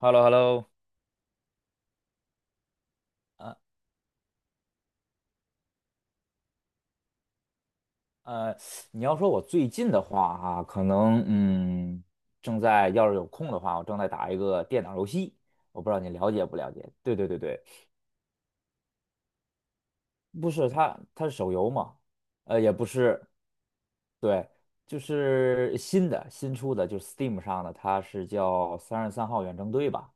h e l l o h e l l o 呃，你要说我最近的话哈、可能正在要是有空的话，我正在打一个电脑游戏，我不知道你了解不了解？对对对对，不是它，它是手游嘛，也不是，对，就是新出的，就是 Steam 上的，它是叫《三十三号远征队》吧？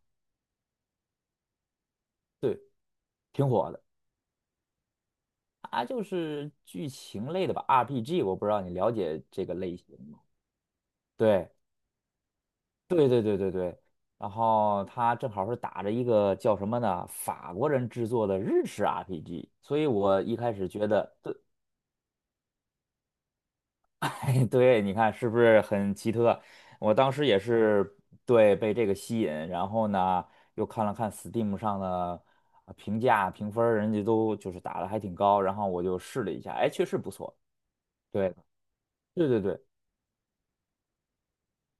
对，挺火的，它就是剧情类的吧，RPG，我不知道你了解这个类型吗？对。对对对对对，然后他正好是打着一个叫什么呢，法国人制作的日式 RPG，所以我一开始觉得，对，哎，对，你看是不是很奇特？我当时也是对被这个吸引，然后呢又看了看 Steam 上的评价评分儿人家都就是打的还挺高，然后我就试了一下，哎，确实不错。对，对对对，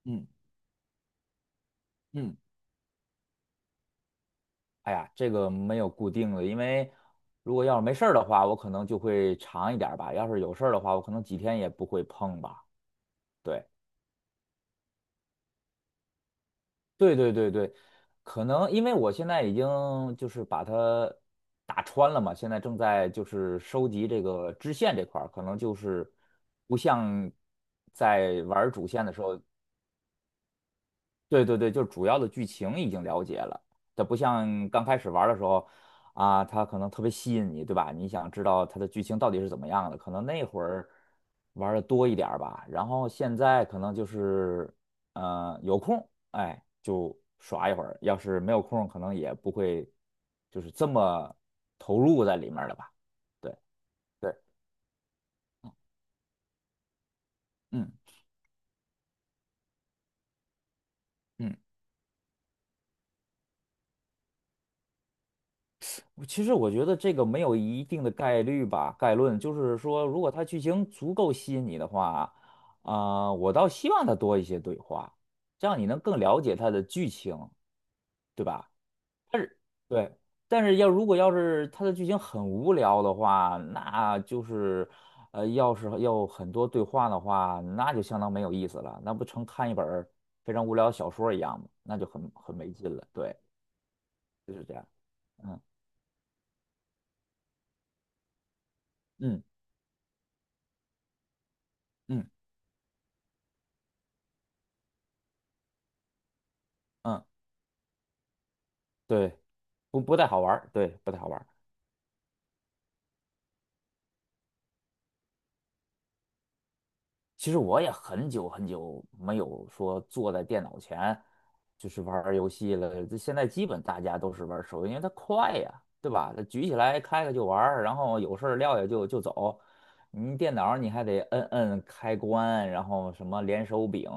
嗯。嗯。哎呀，这个没有固定的，因为如果要是没事儿的话，我可能就会长一点儿吧；要是有事儿的话，我可能几天也不会碰吧。对，对对对对，可能因为我现在已经就是把它打穿了嘛，现在正在就是收集这个支线这块儿，可能就是不像在玩儿主线的时候对对对，就是主要的剧情已经了解了，它不像刚开始玩儿的时候啊，它可能特别吸引你，对吧？你想知道它的剧情到底是怎么样的，可能那会儿玩的多一点儿吧。然后现在可能就是有空，哎，就耍一会儿；要是没有空，可能也不会就是这么投入在里面儿了吧。对对，嗯嗯。其实我觉得这个没有一定的概率吧，概论就是说，如果它剧情足够吸引你的话，啊、我倒希望它多一些对话，这样你能更了解它的剧情，对吧？但是对，但是如果要是它的剧情很无聊的话，那就是要是要很多对话的话，那就相当没有意思了，那不成看一本儿非常无聊的小说一样吗？那就很没劲了。对，就是这样。嗯嗯嗯嗯。对，不太好玩儿，对，不太好玩儿。其实我也很久很久没有说坐在电脑前就是玩儿游戏了。这现在基本大家都是玩儿手游，因为它快呀，对吧？它举起来开开就玩儿，然后有事儿撂下就走。你电脑儿你还得摁摁开关，然后什么连手柄，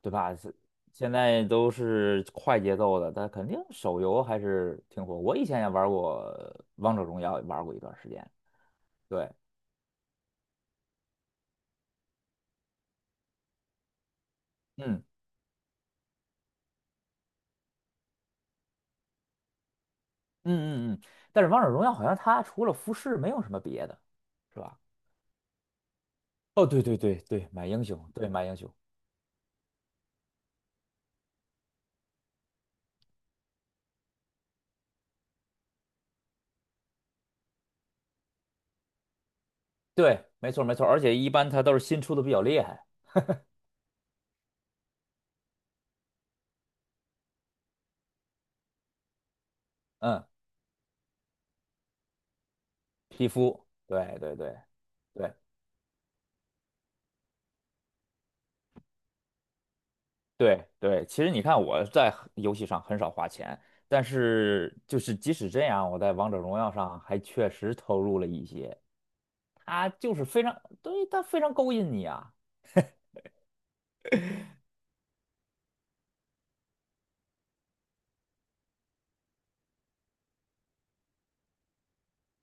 对吧？是现在都是快节奏的，它肯定手游还是挺火。我以前也玩过《王者荣耀》，也玩过一段时间。对。嗯。嗯嗯嗯，但是王者荣耀好像它除了服饰没有什么别的，是吧？哦，对对对对，买英雄，对买英雄，对，没错没错，而且一般它都是新出的比较厉害，嗯，皮肤，对对对对对对，其实你看我在游戏上很少花钱，但是就是即使这样，我在王者荣耀上还确实投入了一些，它就是非常，对，它非常勾引你啊，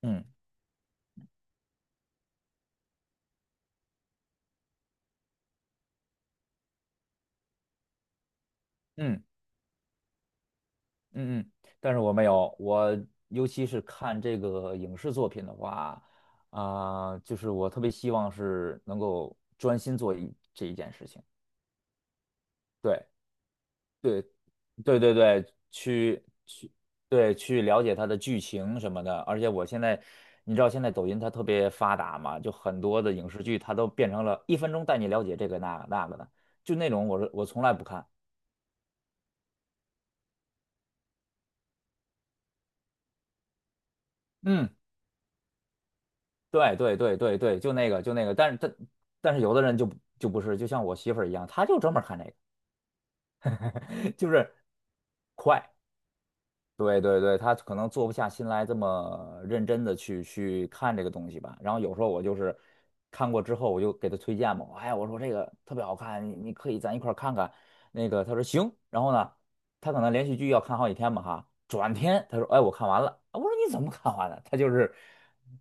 嗯嗯。嗯嗯，但是我没有，我尤其是看这个影视作品的话，啊、就是我特别希望是能够专心做一这一件事情，对对对对对，对去了解它的剧情什么的，而且我现在你知道现在抖音它特别发达嘛，就很多的影视剧它都变成了一分钟带你了解这个那个那个的，就那种我从来不看，嗯。对对对对对，就那个就那个，但是有的人就不就不是，就像我媳妇儿一样，她就专门看那个，就是对对对，他可能坐不下心来这么认真的去看这个东西吧。然后有时候我就是看过之后，我就给他推荐嘛，哎，我说这个特别好看，你你可以咱一块儿看看。那个他说行，然后呢，他可能连续剧要看好几天嘛哈，转天他说哎我看完了，啊我说你怎么看完的？他就是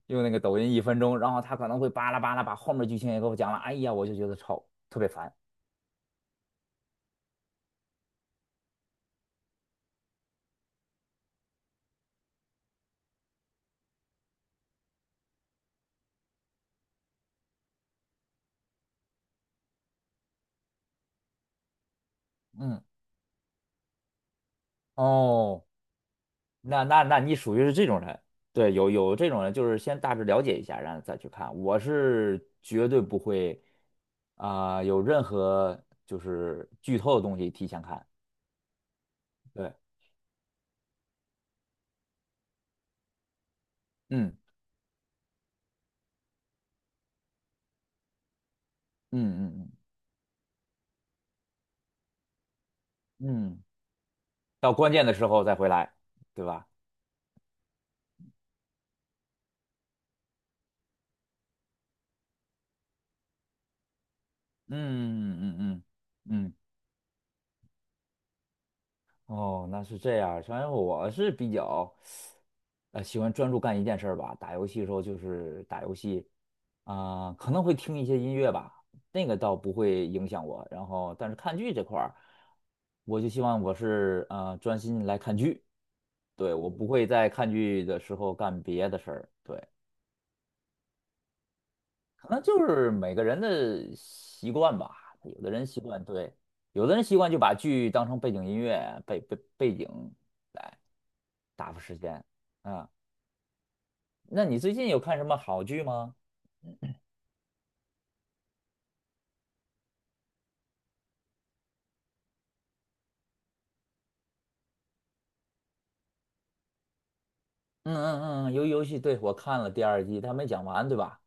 用那个抖音一分钟，然后他可能会巴拉巴拉把后面剧情也给我讲了，哎呀，我就觉得超特别烦，嗯，哦。那你属于是这种人，对，有这种人，就是先大致了解一下，然后再去看。我是绝对不会啊、有任何就是剧透的东西提前看，对，嗯嗯嗯嗯嗯，到关键的时候再回来，对吧？嗯嗯嗯嗯嗯。哦，那是这样。反正我是比较，喜欢专注干一件事儿吧。打游戏的时候就是打游戏，啊、可能会听一些音乐吧，那个倒不会影响我。然后，但是看剧这块儿，我就希望我是专心来看剧，对，我不会在看剧的时候干别的事儿。对，可能就是每个人的习惯吧。有的人习惯，对，有的人习惯就把剧当成背景音乐，背景来。打发时间啊。那你最近有看什么好剧吗？嗯嗯嗯，鱿鱼游戏，对，我看了第二季，他没讲完，对吧？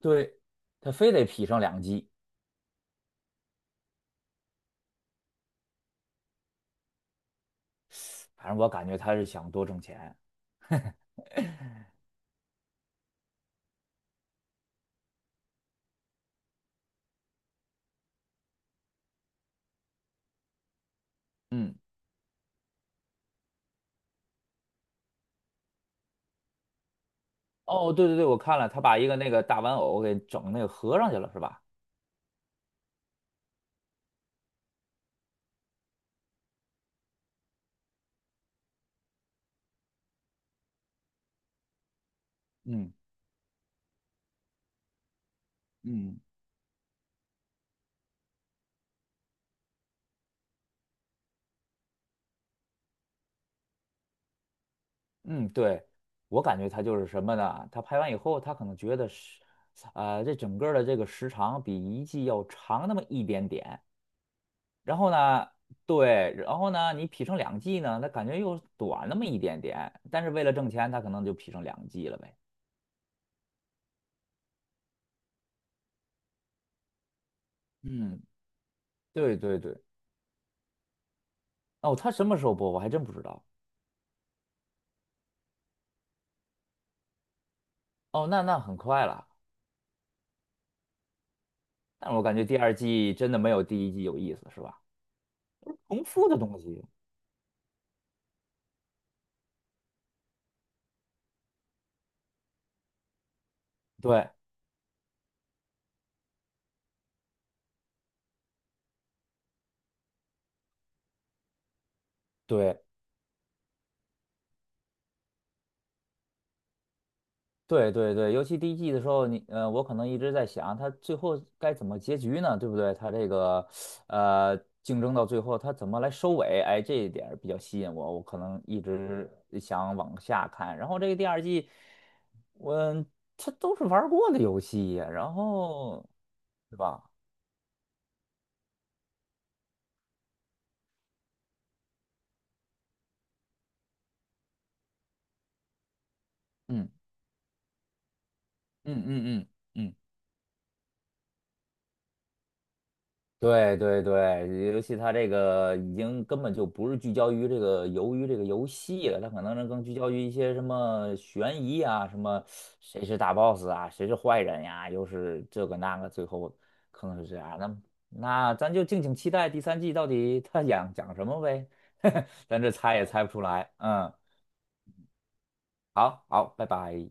对，他非得劈上两季，反正我感觉他是想多挣钱。嗯，哦，对对对，我看了，他把一个那个大玩偶给整那个合上去了，是吧？嗯嗯嗯，对，我感觉他就是什么呢？他拍完以后，他可能觉得是，这整个儿的这个时长比一季要长那么一点点，然后呢，对，然后呢，你劈成两季呢，它感觉又短那么一点点，但是为了挣钱，它可能就劈成两季了呗。嗯，对对对。哦，他什么时候播？我还真不知道。哦，那很快了，但是我感觉第二季真的没有第一季有意思，是吧？重复的东西，对对，对对对，尤其第一季的时候，我可能一直在想，他最后该怎么结局呢？对不对？他这个呃，竞争到最后，他怎么来收尾？哎，这一点儿比较吸引我，我可能一直想往下看。然后这个第二季，我他都是玩儿过的游戏呀，然后对吧？嗯嗯嗯嗯嗯。对对对，尤其他这个已经根本就不是聚焦于这个由于这个游戏了，他可能是更聚焦于一些什么悬疑啊，什么谁是大 boss 啊，谁是坏人呀、又是这个那个，最后可能是这样。那那咱就敬请期待第三季到底他讲讲什么呗，咱这猜也猜不出来。嗯，好好，拜拜。